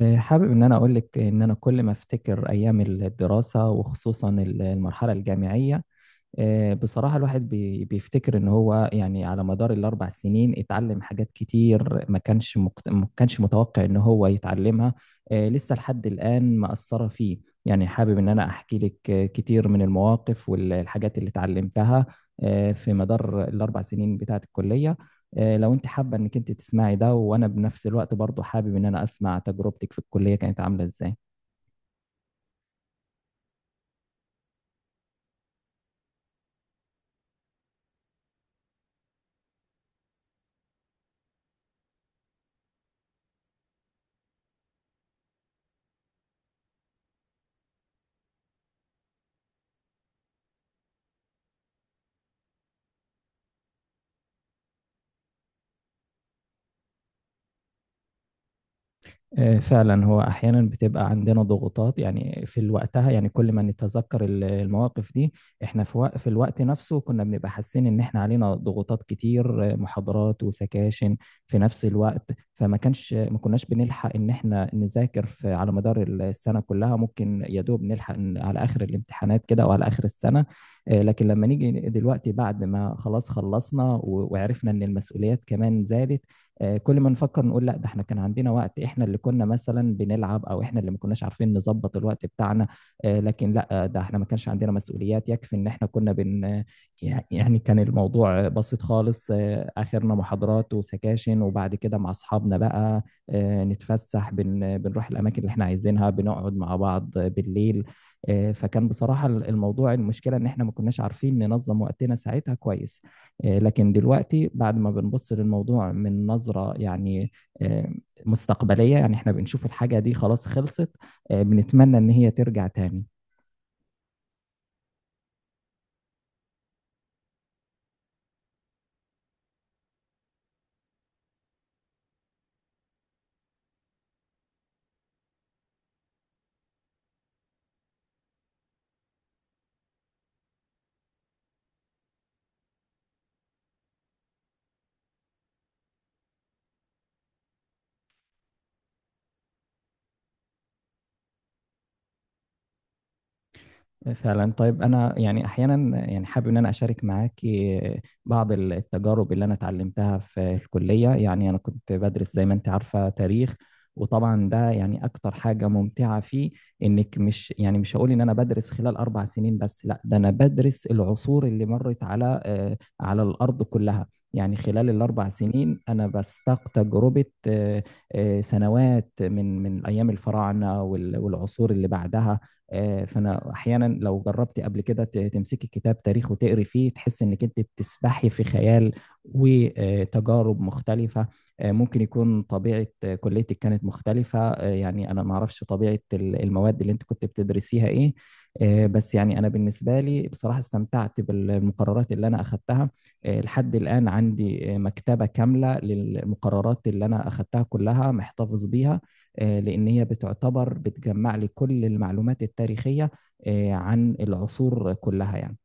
حابب ان انا اقول لك ان انا كل ما افتكر ايام الدراسه وخصوصا المرحله الجامعيه. بصراحة الواحد بيفتكر إن هو يعني على مدار الأربع سنين اتعلم حاجات كتير ما كانش متوقع إن هو يتعلمها. لسه لحد الآن مأثرة فيه. يعني حابب إن أنا أحكي لك كتير من المواقف والحاجات اللي اتعلمتها في مدار الأربع سنين بتاعة الكلية. لو أنت حابة إنك أنت تسمعي ده، وأنا بنفس الوقت برضه حابب إن أنا أسمع تجربتك في الكلية كانت عاملة إزاي. فعلا هو احيانا بتبقى عندنا ضغوطات، يعني في الوقتها يعني كل ما نتذكر المواقف دي. احنا في في الوقت نفسه كنا بنبقى حاسين ان احنا علينا ضغوطات كتير، محاضرات وسكاشن في نفس الوقت، فما كانش ما كناش بنلحق ان احنا نذاكر في على مدار السنة كلها، ممكن يا دوب نلحق إن على اخر الامتحانات كده او على اخر السنة. لكن لما نيجي دلوقتي بعد ما خلاص خلصنا وعرفنا ان المسؤوليات كمان زادت، كل ما نفكر نقول لا، ده احنا كان عندنا وقت، احنا اللي كنا مثلا بنلعب او احنا اللي ما كناش عارفين نظبط الوقت بتاعنا. لكن لا، ده احنا ما كانش عندنا مسؤوليات يكفي ان احنا كنا بن آه، يعني كان الموضوع بسيط خالص، اخرنا محاضرات وسكاشن وبعد كده مع اصحابنا بقى، نتفسح بنروح الاماكن اللي احنا عايزينها، بنقعد مع بعض بالليل. فكان بصراحة الموضوع المشكلة ان احنا ما كناش عارفين ننظم وقتنا ساعتها كويس. لكن دلوقتي بعد ما بنبص للموضوع من نظرة يعني آه، مستقبلية، يعني احنا بنشوف الحاجة دي خلاص خلصت، بنتمنى ان هي ترجع تاني. فعلا، طيب انا يعني احيانا يعني حابب ان انا اشارك معاك بعض التجارب اللي انا اتعلمتها في الكليه. يعني انا كنت بدرس زي ما انت عارفه تاريخ، وطبعا ده يعني اكتر حاجه ممتعه فيه انك مش يعني مش هقول ان انا بدرس خلال اربع سنين بس، لا ده انا بدرس العصور اللي مرت على على الارض كلها. يعني خلال الاربع سنين انا بستاق تجربه سنوات من ايام الفراعنه والعصور اللي بعدها. فانا احيانا لو جربت قبل كده تمسكي كتاب تاريخ وتقري فيه تحس انك انت بتسبحي في خيال وتجارب مختلفه. ممكن يكون طبيعه كليتك كانت مختلفه، يعني انا ما اعرفش طبيعه المواد اللي انت كنت بتدرسيها ايه. بس يعني انا بالنسبه لي بصراحه استمتعت بالمقررات اللي انا اخذتها. لحد الان عندي مكتبه كامله للمقررات اللي انا اخذتها كلها محتفظ بيها، لأن هي بتعتبر بتجمع لي كل المعلومات التاريخية عن العصور كلها يعني.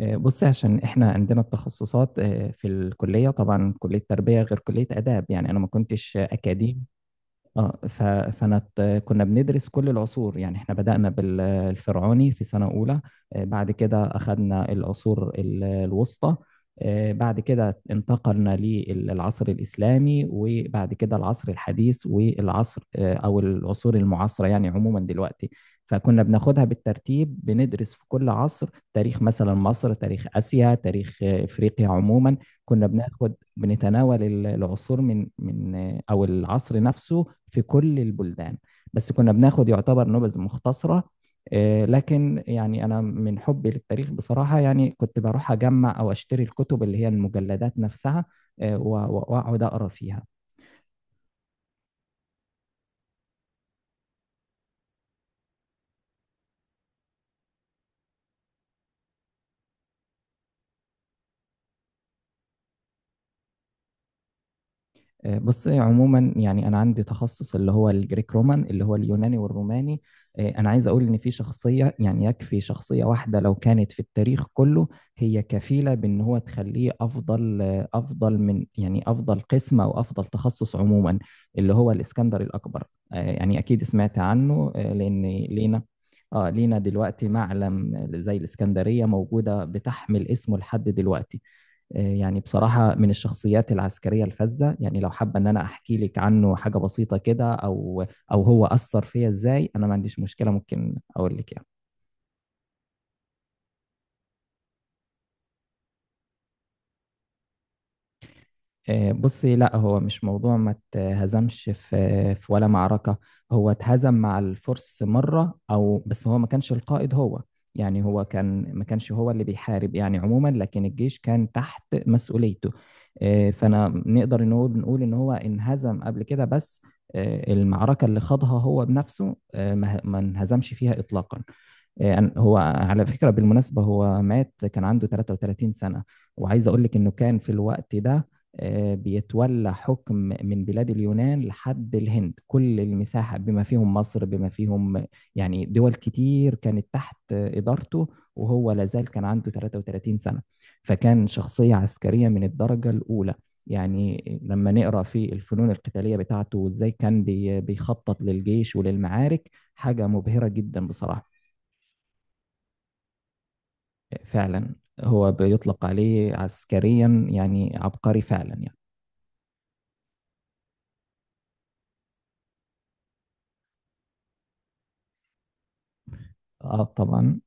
بص، عشان احنا عندنا التخصصات في الكليه، طبعا كليه تربيه غير كليه اداب، يعني انا ما كنتش اكاديمي. اه فانا كنا بندرس كل العصور، يعني احنا بدأنا بالفرعوني في سنة أولى، بعد كده أخذنا العصور الوسطى، بعد كده انتقلنا للعصر الإسلامي، وبعد كده العصر الحديث والعصر أو العصور المعاصرة يعني عموما دلوقتي. فكنا بناخدها بالترتيب، بندرس في كل عصر تاريخ مثلا مصر، تاريخ آسيا، تاريخ إفريقيا عموما، كنا بناخد بنتناول العصور من او العصر نفسه في كل البلدان، بس كنا بناخد يعتبر نبذ مختصرة. لكن يعني انا من حبي للتاريخ بصراحة يعني كنت بروح اجمع او اشتري الكتب اللي هي المجلدات نفسها واقعد اقرا فيها. بص عموما، يعني انا عندي تخصص اللي هو الجريك رومان، اللي هو اليوناني والروماني. انا عايز اقول ان في شخصيه، يعني يكفي شخصيه واحده لو كانت في التاريخ كله هي كفيله بان هو تخليه افضل، افضل من، يعني افضل قسم او افضل تخصص عموما، اللي هو الاسكندر الاكبر. يعني اكيد سمعت عنه، لان لينا، اه لينا دلوقتي معلم زي الاسكندريه موجوده بتحمل اسمه لحد دلوقتي. يعني بصراحة من الشخصيات العسكرية الفذة، يعني لو حابة إن أنا أحكي لك عنه حاجة بسيطة كده، أو أو هو أثر فيا إزاي، أنا ما عنديش مشكلة ممكن أقول لك يعني. بصي، لا هو مش موضوع ما اتهزمش في في ولا معركة. هو اتهزم مع الفرس مرة او بس هو ما كانش القائد هو، يعني هو كان ما كانش هو اللي بيحارب يعني عموما، لكن الجيش كان تحت مسؤوليته. فانا نقدر ان هو بنقول ان هو انهزم قبل كده، بس المعركة اللي خاضها هو بنفسه ما انهزمش فيها اطلاقا. هو على فكرة بالمناسبة هو مات كان عنده 33 سنة، وعايز أقول لك إنه كان في الوقت ده بيتولى حكم من بلاد اليونان لحد الهند، كل المساحة بما فيهم مصر، بما فيهم يعني دول كتير كانت تحت إدارته، وهو لازال كان عنده 33 سنة. فكان شخصية عسكرية من الدرجة الأولى، يعني لما نقرأ في الفنون القتالية بتاعته وإزاي كان بيخطط للجيش وللمعارك حاجة مبهرة جدا بصراحة. فعلا، هو بيطلق عليه عسكريا يعني عبقري فعلا يعني. اه، طبعا.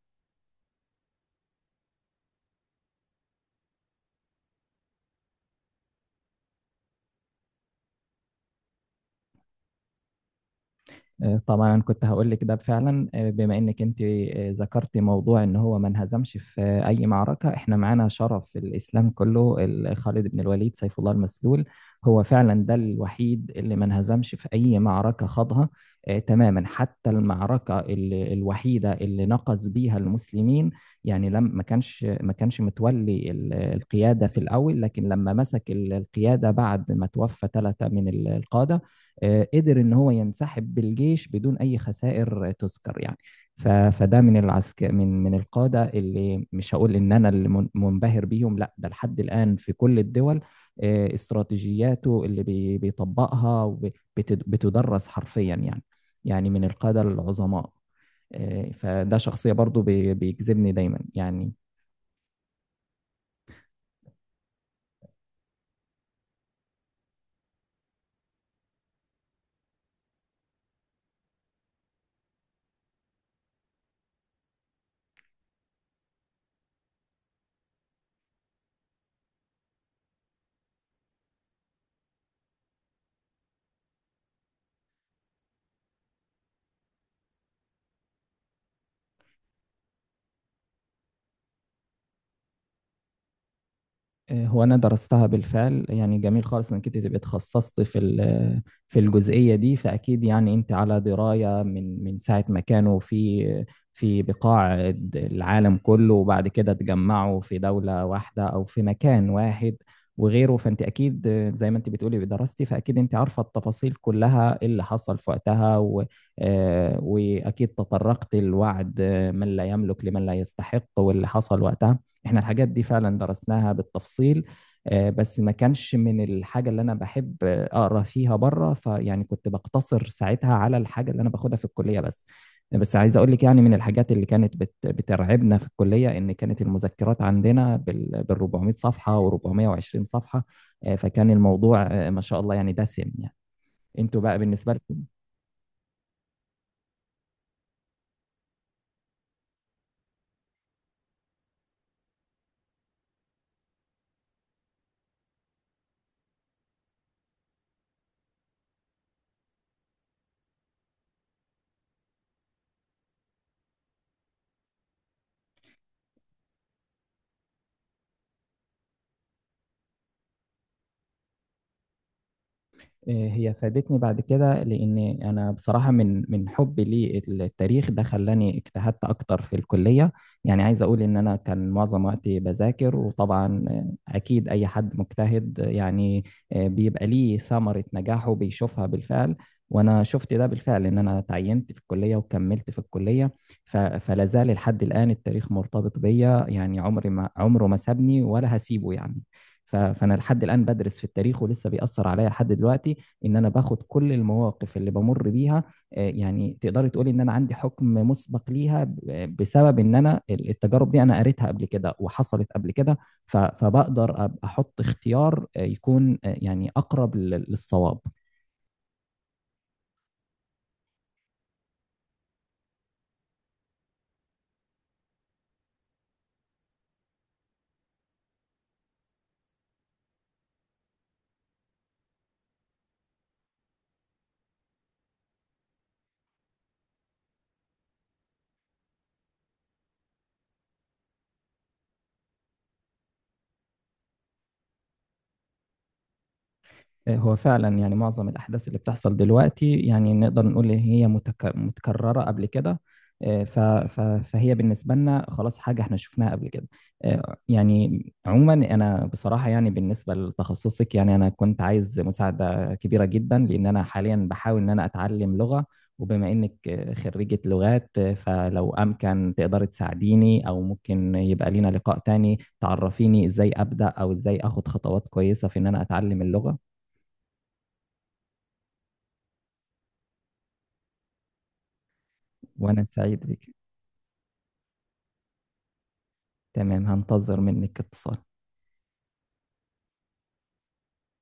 طبعا كنت هقول لك ده فعلا، بما انك انت ذكرتي موضوع ان هو ما انهزمش في اي معركه، احنا معانا شرف الاسلام كله خالد بن الوليد سيف الله المسلول، هو فعلا ده الوحيد اللي ما انهزمش في اي معركه خاضها. تماما، حتى المعركه الوحيده اللي نقص بيها المسلمين، يعني لم ما كانش متولي القياده في الاول، لكن لما مسك القياده بعد ما توفى ثلاثه من القاده قدر ان هو ينسحب بالجيش بدون اي خسائر تذكر يعني. فده من العسكر، من القاده اللي مش هقول ان انا اللي منبهر بيهم، لا ده لحد الان في كل الدول استراتيجياته اللي بيطبقها وب- بتد- بتدرس حرفيا يعني، يعني من القاده العظماء. فده شخصية برضو بيجذبني دايما يعني. هو انا درستها بالفعل، يعني جميل خالص انك انت تبقي اتخصصت في في الجزئيه دي، فاكيد يعني انت على درايه من ساعه ما كانوا في في بقاع العالم كله، وبعد كده اتجمعوا في دوله واحده او في مكان واحد وغيره. فانت اكيد زي ما انت بتقولي دراستي، فاكيد انت عارفه التفاصيل كلها اللي حصل في وقتها، و واكيد تطرقت لوعد من لا يملك لمن لا يستحق واللي حصل وقتها. احنا الحاجات دي فعلا درسناها بالتفصيل، بس ما كانش من الحاجة اللي أنا بحب أقرأ فيها بره، فيعني كنت بقتصر ساعتها على الحاجة اللي أنا باخدها في الكلية بس. بس عايز أقول لك يعني من الحاجات اللي كانت بترعبنا في الكلية إن كانت المذكرات عندنا بال 400 صفحة و420 صفحة. فكان الموضوع ما شاء الله يعني دسم يعني، انتوا بقى بالنسبة إيه، هي فادتني بعد كده لأن أنا بصراحة من حبي للتاريخ ده خلاني اجتهدت أكتر في الكلية. يعني عايز أقول إن أنا كان معظم وقتي بذاكر، وطبعا أكيد أي حد مجتهد يعني بيبقى ليه ثمرة نجاحه بيشوفها بالفعل، وأنا شفت ده بالفعل إن أنا تعينت في الكلية وكملت في الكلية. فلا زال لحد الآن التاريخ مرتبط بيا، يعني عمري ما عمره ما سابني ولا هسيبه يعني. فأنا لحد الآن بدرس في التاريخ ولسه بيأثر عليا لحد دلوقتي، ان انا باخد كل المواقف اللي بمر بيها. يعني تقدري تقولي ان انا عندي حكم مسبق ليها بسبب ان انا التجارب دي انا قريتها قبل كده وحصلت قبل كده. ف احط اختيار يكون يعني اقرب للصواب. هو فعلا يعني معظم الأحداث اللي بتحصل دلوقتي يعني نقدر نقول إن هي متكررة قبل كده. فهي بالنسبة لنا خلاص حاجة احنا شفناها قبل كده. يعني عموما أنا بصراحة يعني بالنسبة لتخصصك، يعني أنا كنت عايز مساعدة كبيرة جدا، لأن أنا حاليا بحاول إن أنا أتعلم لغة، وبما إنك خريجة لغات فلو أمكن تقدري تساعديني، أو ممكن يبقى لينا لقاء تاني تعرفيني إزاي أبدأ أو إزاي أخد خطوات كويسة في إن أنا أتعلم اللغة. وأنا سعيد بك. تمام، هنتظر منك اتصال.